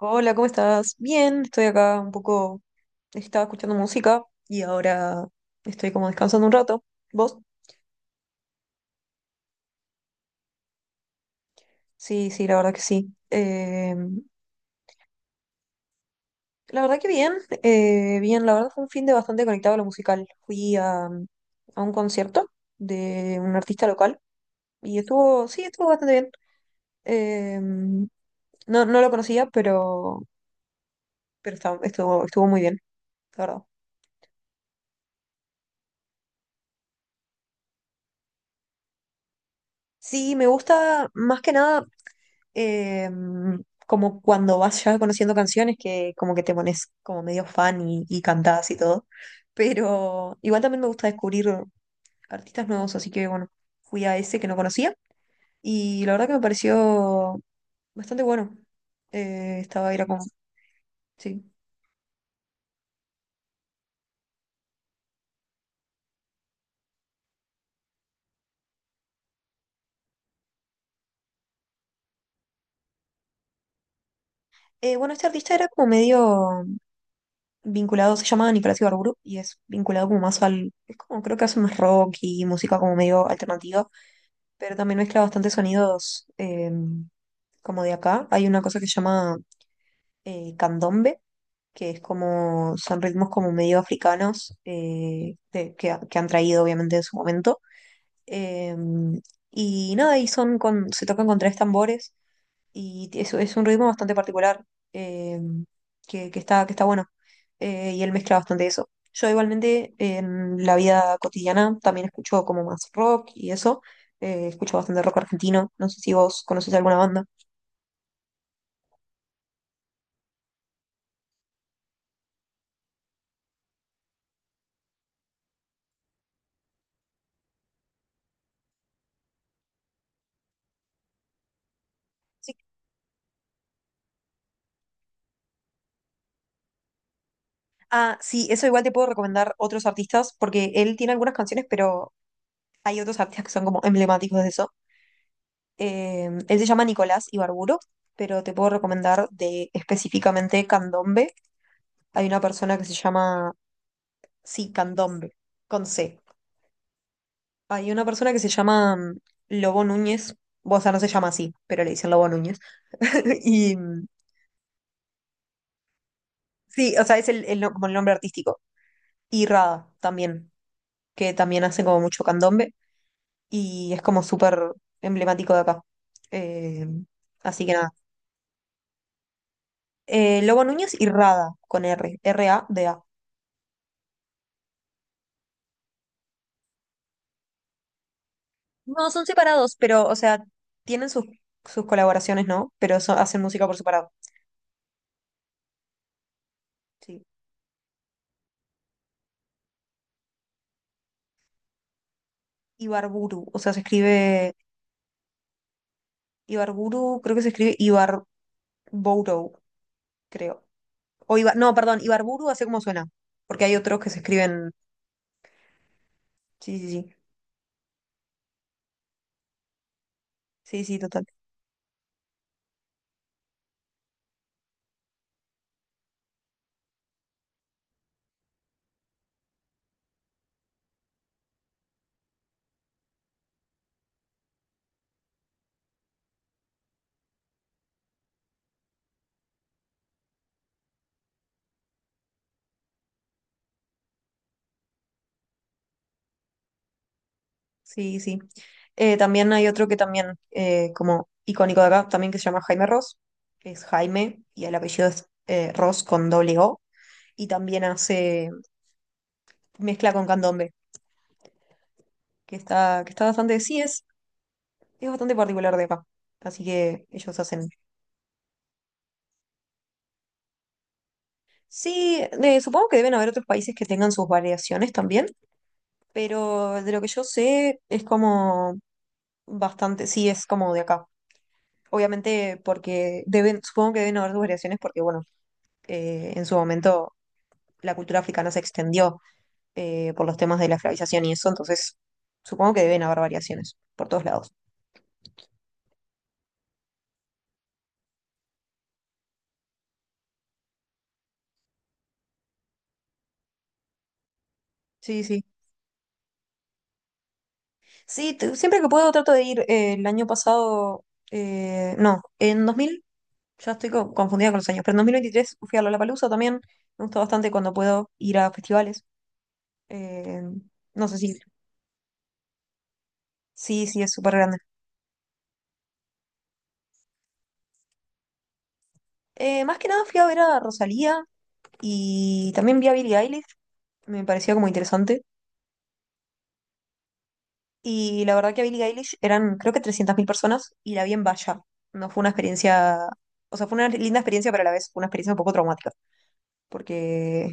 Hola, ¿cómo estás? Bien, estoy acá un poco, estaba escuchando música y ahora estoy como descansando un rato. ¿Vos? Sí, sí, la verdad que sí. La verdad que bien, bien, la verdad fue un fin de bastante conectado a lo musical. Fui a un concierto de un artista local y estuvo, sí, estuvo bastante bien. No, no lo conocía, pero, estuvo, estuvo muy bien, la verdad. Sí, me gusta más que nada. eh, Como cuando vas ya conociendo canciones que como que te pones como medio fan y cantás y todo. Pero igual también me gusta descubrir artistas nuevos, así que bueno, fui a ese que no conocía y la verdad que me pareció bastante bueno. Era como, sí. Bueno, este artista era como medio vinculado, se llama Nicolás Ibarburu y es vinculado como más al, es como creo que hace más rock y música como medio alternativa, pero también mezcla bastantes sonidos como de acá, hay una cosa que se llama candombe, que es como, son ritmos como medio africanos que han traído obviamente en su momento. Eh, y nada, y son con, se tocan con 3 tambores y es un ritmo bastante particular eh, que está bueno. Y él mezcla bastante eso. Yo igualmente en la vida cotidiana también escucho como más rock y eso. Escucho bastante rock argentino. No sé si vos conoces alguna banda. Ah, sí, eso igual te puedo recomendar otros artistas, porque él tiene algunas canciones, pero hay otros artistas que son como emblemáticos de eso. Él se llama Nicolás Ibarburo, pero te puedo recomendar de específicamente candombe. Hay una persona que se llama, sí, candombe, con C. Hay una persona que se llama Lobo Núñez, o sea, no se llama así, pero le dicen Lobo Núñez. Y sí, o sea, es el como el nombre artístico. Y Rada también, que también hace como mucho candombe. Y es como súper emblemático de acá. Eh, Así que nada. Lobo Núñez y Rada con R, Rada. No, son separados, pero, o sea, tienen sus, sus colaboraciones, ¿no? Hacen música por separado. Sí. Ibarburu, o sea, se escribe Ibarburu, creo que se escribe Ibarburu, creo. No, perdón, Ibarburu así como suena, porque hay otros que se escriben. Sí, sí, sí. Sí, sí, total. Sí, sí. También hay otro que también, como icónico de acá, también que se llama Jaime Ross. Que Es Jaime y el apellido es Ross con doble O. Y también hace mezcla con candombe, que está bastante, sí, es bastante particular de acá. Así que ellos hacen. Sí, de- supongo que deben haber otros países que tengan sus variaciones también, pero de lo que yo sé es como bastante, sí, es como de acá. Obviamente porque deben, supongo que deben haber sus variaciones porque, bueno en su momento la cultura africana se extendió por los temas de la esclavización y eso, entonces supongo que deben haber variaciones por todos lados. Sí, sí. Sí, siempre que puedo trato de ir. El año pasado, no, en 2000, ya estoy confundida con los años, pero en 2023 fui a Lollapalooza también. Me gusta bastante cuando puedo ir a festivales. eh, no sé si... Sí, sí, es súper grande. Más que nada fui a ver a Rosalía y también vi a Billie Eilish. Me pareció como interesante. Y la verdad que a Billie Eilish eran creo que 300.000 personas y la vi en valla. No fue una experiencia, o sea, fue una linda experiencia, pero a la vez fue una experiencia un poco traumática, porque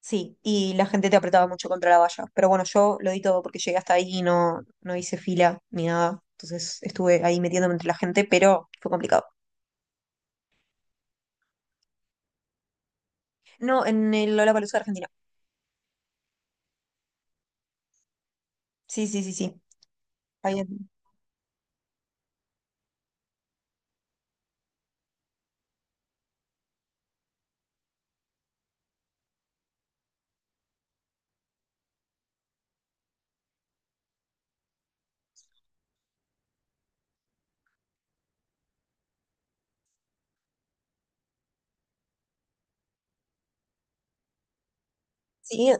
sí, y la gente te apretaba mucho contra la valla. Pero bueno, yo lo di todo porque llegué hasta ahí y no, no hice fila ni nada. Entonces estuve ahí metiéndome entre la gente, pero fue complicado. No, en el Lollapalooza de Argentina. Sí, sí, sí, sí. Ahí en- sí,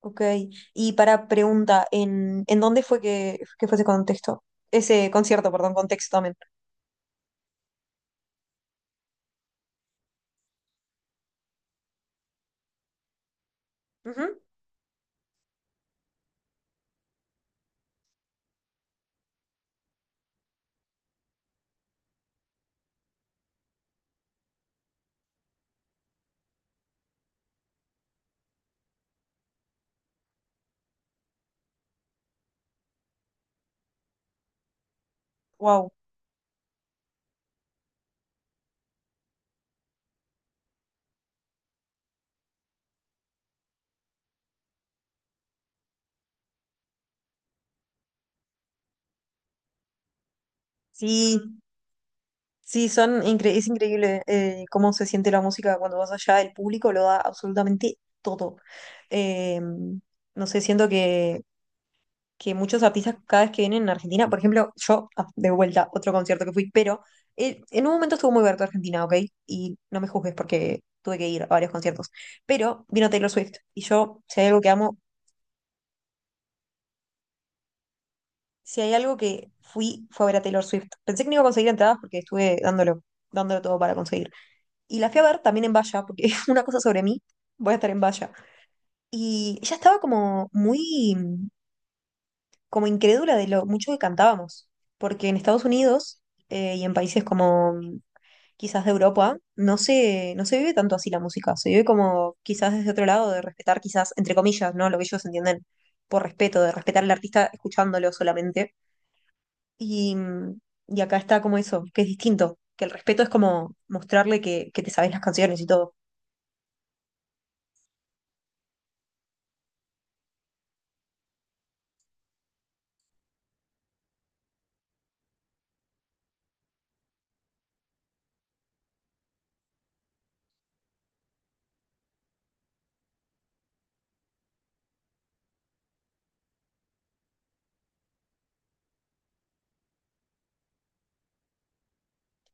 ok. Y para pregunta, en dónde fue que fue ese contexto? Ese concierto, perdón, contexto también. Ujú. Wow, sí, sí, es increíble cómo se siente la música cuando vas allá, el público lo da absolutamente todo. Eh, no sé, siento que muchos artistas cada vez que vienen a Argentina, por ejemplo, yo, ah, de vuelta, otro concierto que fui, pero en un momento estuvo muy abierto a Argentina, ¿ok? Y no me juzgues porque tuve que ir a varios conciertos, pero vino Taylor Swift y yo, si hay algo que amo, si hay algo que fui, fue a ver a Taylor Swift. Pensé que no iba a conseguir entradas porque estuve dándolo, dándolo todo para conseguir. Y la fui a ver también en valla, porque es una cosa sobre mí, voy a estar en valla. Y ella estaba como muy, como incrédula de lo mucho que cantábamos, porque en Estados Unidos y en países como quizás de Europa, no se, no se vive tanto así la música, se vive como quizás desde otro lado, de respetar quizás, entre comillas, ¿no? Lo que ellos entienden por respeto, de respetar al artista escuchándolo solamente. Y, mm, y acá está como eso, que es distinto, que el respeto es como mostrarle que te sabes las canciones y todo.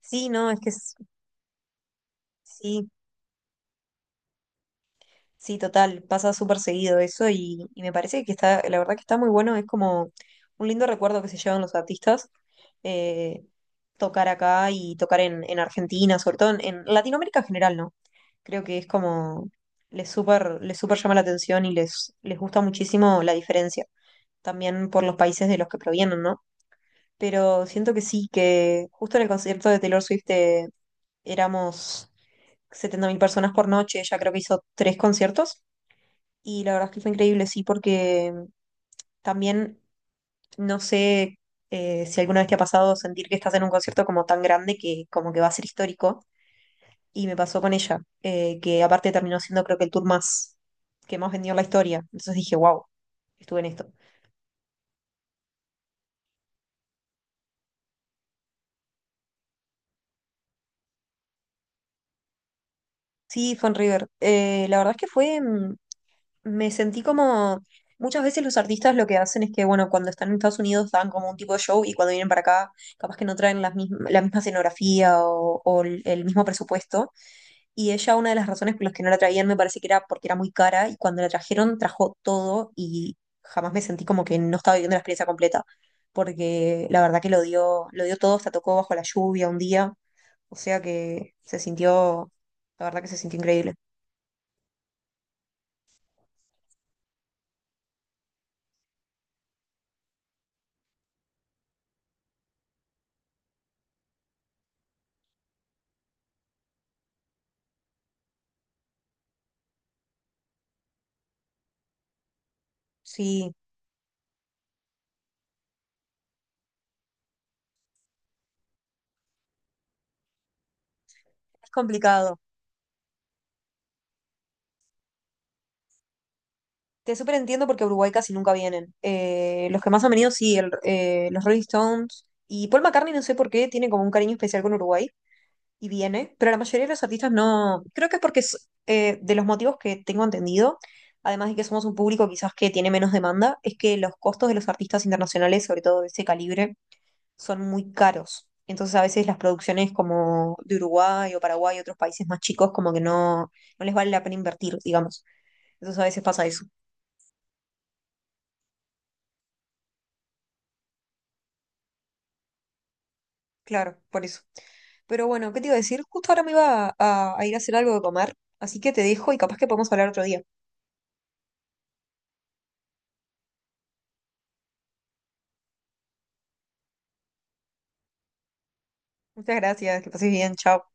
Sí, no, es que es sí, sí, total, pasa súper seguido eso y me parece que está, la verdad que está muy bueno, es como un lindo recuerdo que se llevan los artistas, eh, tocar acá y tocar en Argentina, sobre todo en Latinoamérica en general, ¿no? Creo que es como, les súper llama la atención les gusta muchísimo la diferencia, también por los países de los que provienen, ¿no? Pero siento que sí, que justo en el concierto de Taylor Swift éramos 70.000 personas por noche, ella creo que hizo 3 conciertos. Y la verdad es que fue increíble, sí, porque también no sé si alguna vez te ha pasado sentir que estás en un concierto como tan grande que como que va a ser histórico. Y me pasó con ella, que aparte terminó siendo creo que el tour más que más vendió en la historia. Entonces dije, wow, estuve en esto. Sí, fue en River. La verdad es que fue, me sentí como, muchas veces los artistas lo que hacen es que, bueno, cuando están en Estados Unidos dan como un tipo de show y cuando vienen para acá, capaz que no traen la misma escenografía o el mismo presupuesto. Y ella, una de las razones por las que no la traían, me parece que era porque era muy cara, y cuando la trajeron, trajo todo, y jamás me sentí como que no estaba viviendo la experiencia completa, porque la verdad que lo dio todo, hasta tocó bajo la lluvia un día, o sea que se sintió, la verdad que se sintió increíble. Sí, es complicado. Te súper entiendo porque a Uruguay casi nunca vienen. Los que más han venido, sí, los Rolling Stones. Y Paul McCartney, no sé por qué, tiene como un cariño especial con Uruguay. Y viene, pero la mayoría de los artistas no, creo que es porque es, de los motivos que tengo entendido, además de que somos un público quizás que tiene menos demanda, es que los costos de los artistas internacionales, sobre todo de ese calibre, son muy caros. Entonces a veces las producciones como de Uruguay o Paraguay y otros países más chicos como que no, no les vale la pena invertir, digamos. Entonces a veces pasa eso. Claro, por eso. Pero bueno, ¿qué te iba a decir? Justo ahora me iba a ir a hacer algo de comer, así que te dejo y capaz que podemos hablar otro día. Muchas gracias, que pases bien, chao.